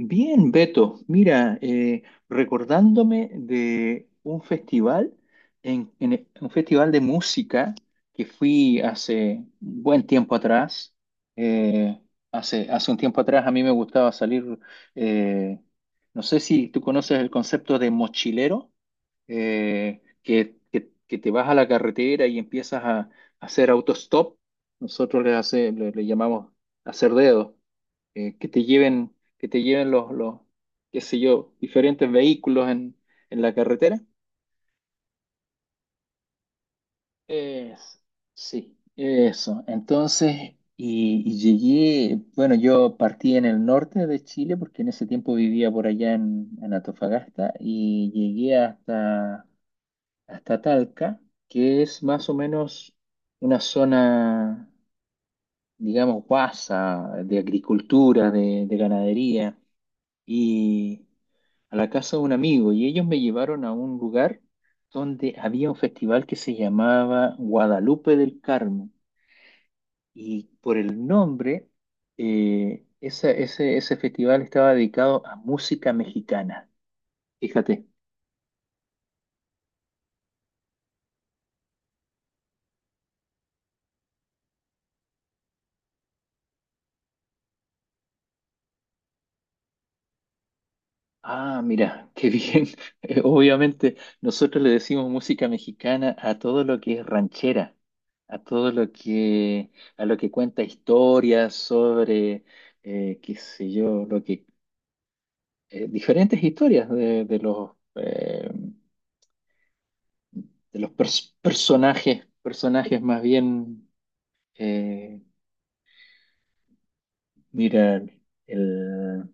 Bien, Beto, mira, recordándome de un festival, un festival de música que fui hace un buen tiempo atrás. eh, hace un tiempo atrás a mí me gustaba salir, eh, no sé si tú conoces el concepto de mochilero, que te vas a la carretera y empiezas a hacer autostop. Nosotros le llamamos hacer dedo que te lleven, que te lleven los, qué sé yo, diferentes vehículos en la carretera. Es- sí, eso. Entonces, y llegué, bueno, yo partí en el norte de Chile porque en ese tiempo vivía por allá en Antofagasta y llegué hasta, hasta Talca, que es más o menos una zona, digamos, guasa de agricultura, de ganadería. Y a la casa de un amigo y ellos me llevaron a un lugar donde había un festival que se llamaba Guadalupe del Carmen y por el nombre, ese festival estaba dedicado a música mexicana. Fíjate. Ah, mira, qué bien. Obviamente nosotros le decimos música mexicana a todo lo que es ranchera, a todo lo a lo que cuenta historias sobre, qué sé yo, lo que, diferentes historias de los personajes, personajes más bien, eh, mira, el,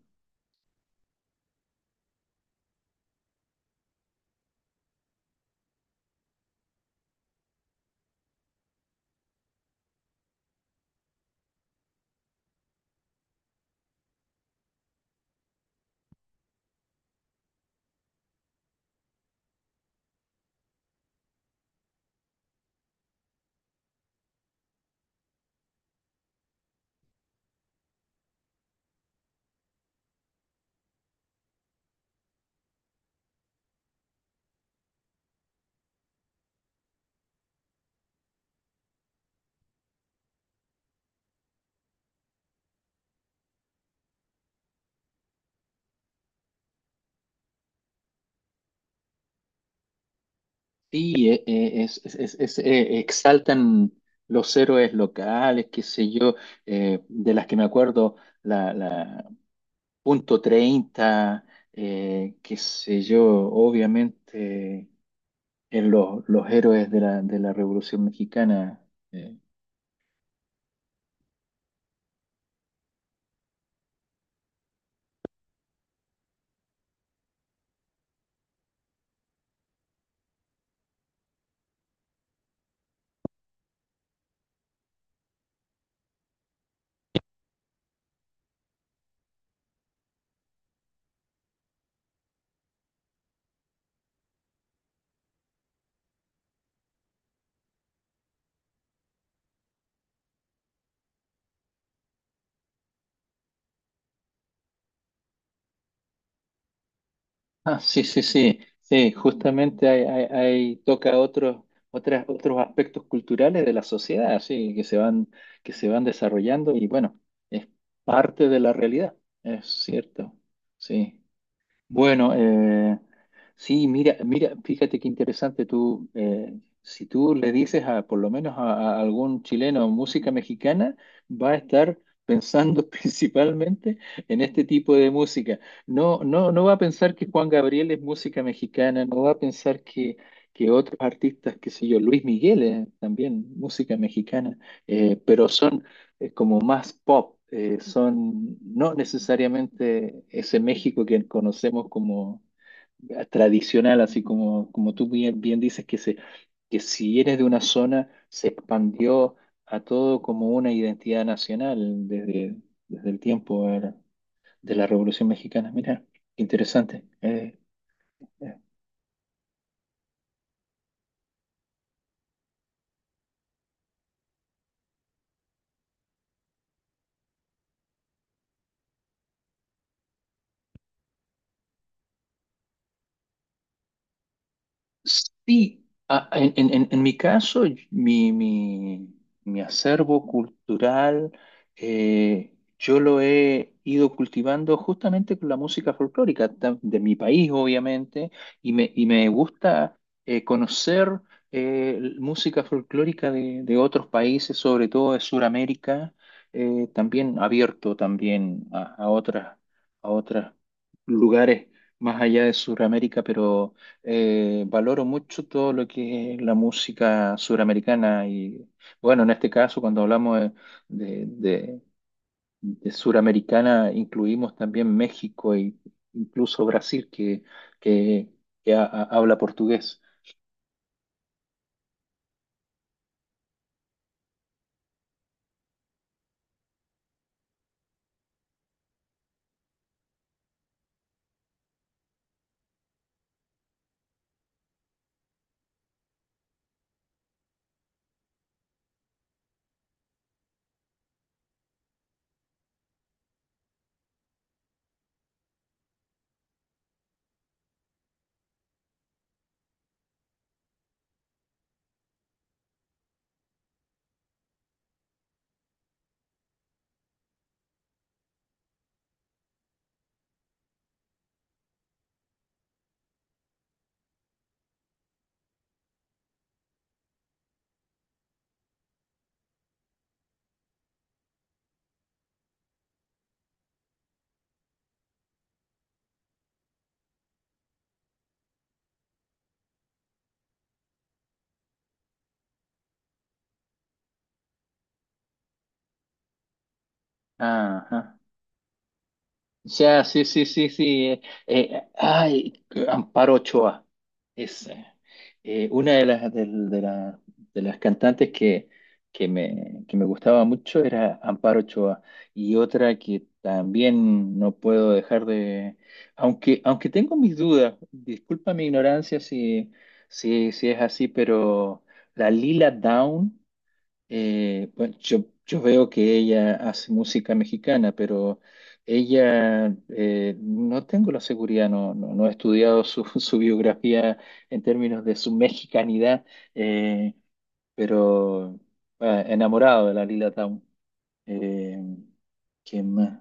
sí, exaltan los héroes locales, qué sé yo, de las que me acuerdo, la punto treinta, qué sé yo, obviamente, en los héroes de de la Revolución Mexicana. eh, Ah, sí, sí, sí, sí, justamente toca otros, otros aspectos culturales de la sociedad, sí, que se van desarrollando y bueno, es parte de la realidad, es cierto, sí. Bueno, sí, mira, mira, fíjate qué interesante tú, si tú le dices a, por lo menos a algún chileno música mexicana, va a estar pensando principalmente en este tipo de música. No, no, no va a pensar que Juan Gabriel es música mexicana, no va a pensar que otros artistas, qué sé yo, Luis Miguel es también música mexicana, pero son, como más pop, son no necesariamente ese México que conocemos como, tradicional, así como, como tú bien, bien dices, que, se, que si eres de una zona, se expandió a todo como una identidad nacional desde, desde el tiempo, de la Revolución Mexicana. Mira, qué interesante. Eh. Sí, ah, en mi caso, mi, mi- mi acervo cultural, yo lo he ido cultivando justamente con la música folclórica de mi país, obviamente, y me gusta, conocer, música folclórica de otros países, sobre todo de Sudamérica, también abierto también a otras, a otros lugares más allá de Sudamérica, pero valoro mucho todo lo que es la música suramericana y bueno, en este caso cuando hablamos de, de- de suramericana incluimos también México e incluso Brasil que, que habla portugués. Ajá. Ya, sí, sí, sí, sí. eh, ay, Amparo Ochoa. Es, una de las, del- de, la- de las cantantes que me gustaba mucho era Amparo Ochoa. Y otra que también no puedo dejar de... Aunque, aunque tengo mis dudas, disculpa mi ignorancia si, si, si es así, pero la Lila Down. Bueno, yo veo que ella hace música mexicana, pero ella, no tengo la seguridad, no, no, no he estudiado su, su biografía en términos de su mexicanidad, eh, pero ah, enamorado de la Lila Town. Eh, ¿Quién más?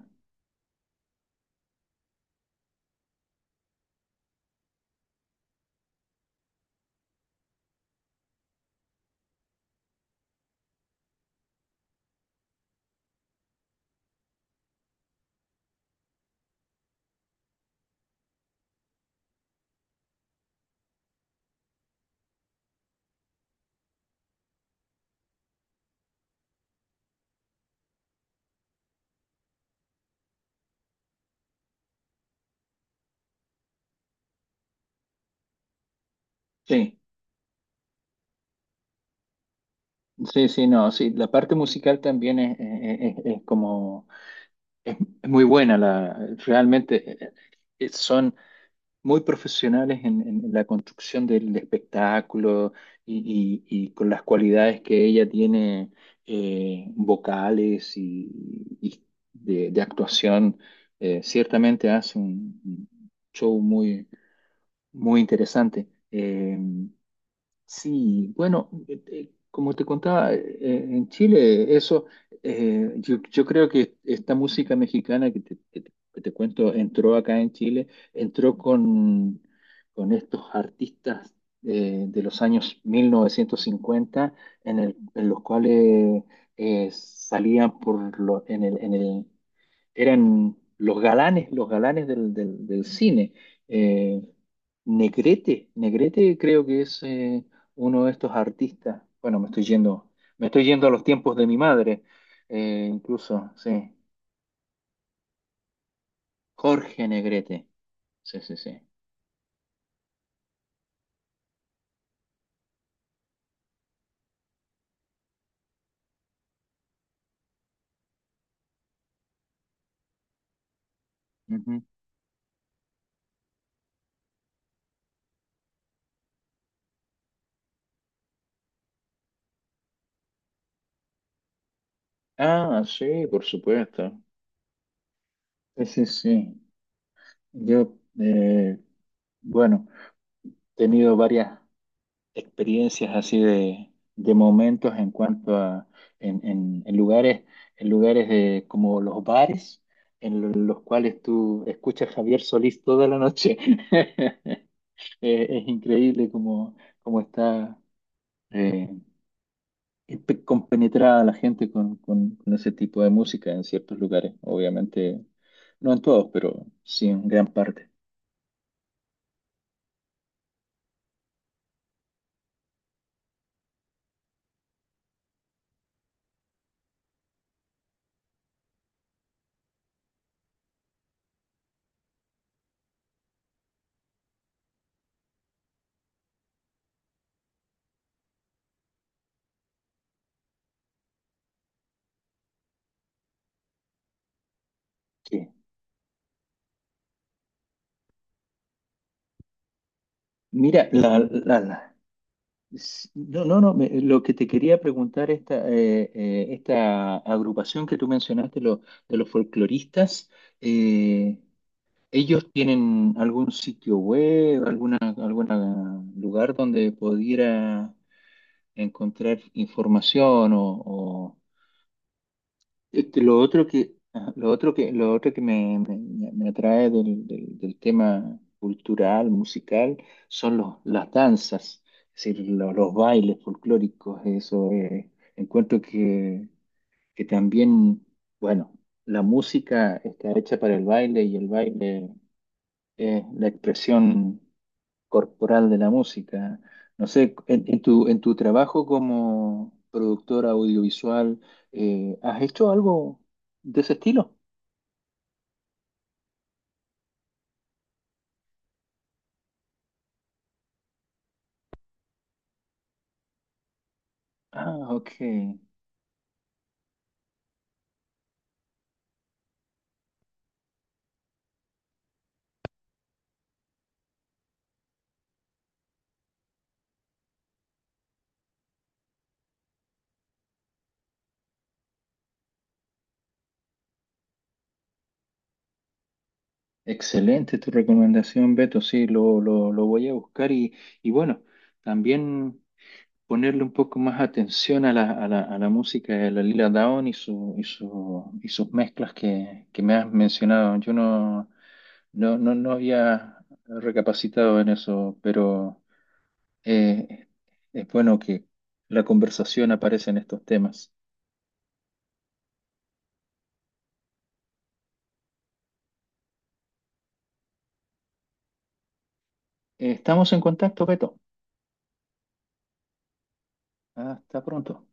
Sí, sí, sí, no, sí, la parte musical también es, es como, es, es muy buena, la, realmente, son... muy profesionales en la construcción del espectáculo y, y con las cualidades que ella tiene, vocales y de actuación, ciertamente hace un show muy, muy interesante. Sí, bueno, como te contaba, en Chile eso, yo, yo creo que esta música mexicana que te cuento entró acá en Chile, entró con estos artistas, de los años 1950, en los cuales, salían en en el, eran los galanes del cine. Eh, Negrete, Negrete creo que es, uno de estos artistas. Bueno, me estoy yendo a los tiempos de mi madre, incluso, sí. Jorge Negrete. Sí, sí, sí. Ujú. Ah, sí, por supuesto. Sí, sí, sí. Yo, bueno, he tenido varias experiencias así de momentos en cuanto a en, en- en lugares, en lugares de, como los bares, los cuales tú escuchas a Javier Solís toda la noche. Es increíble cómo, cómo está, eh, compenetrada la gente con, con ese tipo de música en ciertos lugares. Obviamente, no en todos, pero sí en gran parte. Sí. Mira, no, no, no, lo que te quería preguntar, esta, esta agrupación que tú mencionaste, de los folcloristas, eh, ¿ellos tienen algún sitio web, alguna, algún lugar donde pudiera encontrar información o, este, lo otro que, ajá, lo otro que me, me atrae del tema cultural, musical, son los, las danzas, es decir, los bailes folclóricos, eso, encuentro que también, bueno, la música está hecha para el baile y el baile es la expresión corporal de la música. No sé, en tu trabajo como productora audiovisual, ¿has hecho algo de ese estilo? Ah, ok. Excelente tu recomendación, Beto. Sí, lo voy a buscar y bueno, también ponerle un poco más atención a la, a la, a la música de la Lila Downs y, su, y, su, y sus mezclas que me has mencionado. Yo no, no, no, no había recapacitado en eso, pero... Eh, es bueno que la conversación aparece en estos temas. Estamos en contacto, Beto. Hasta pronto.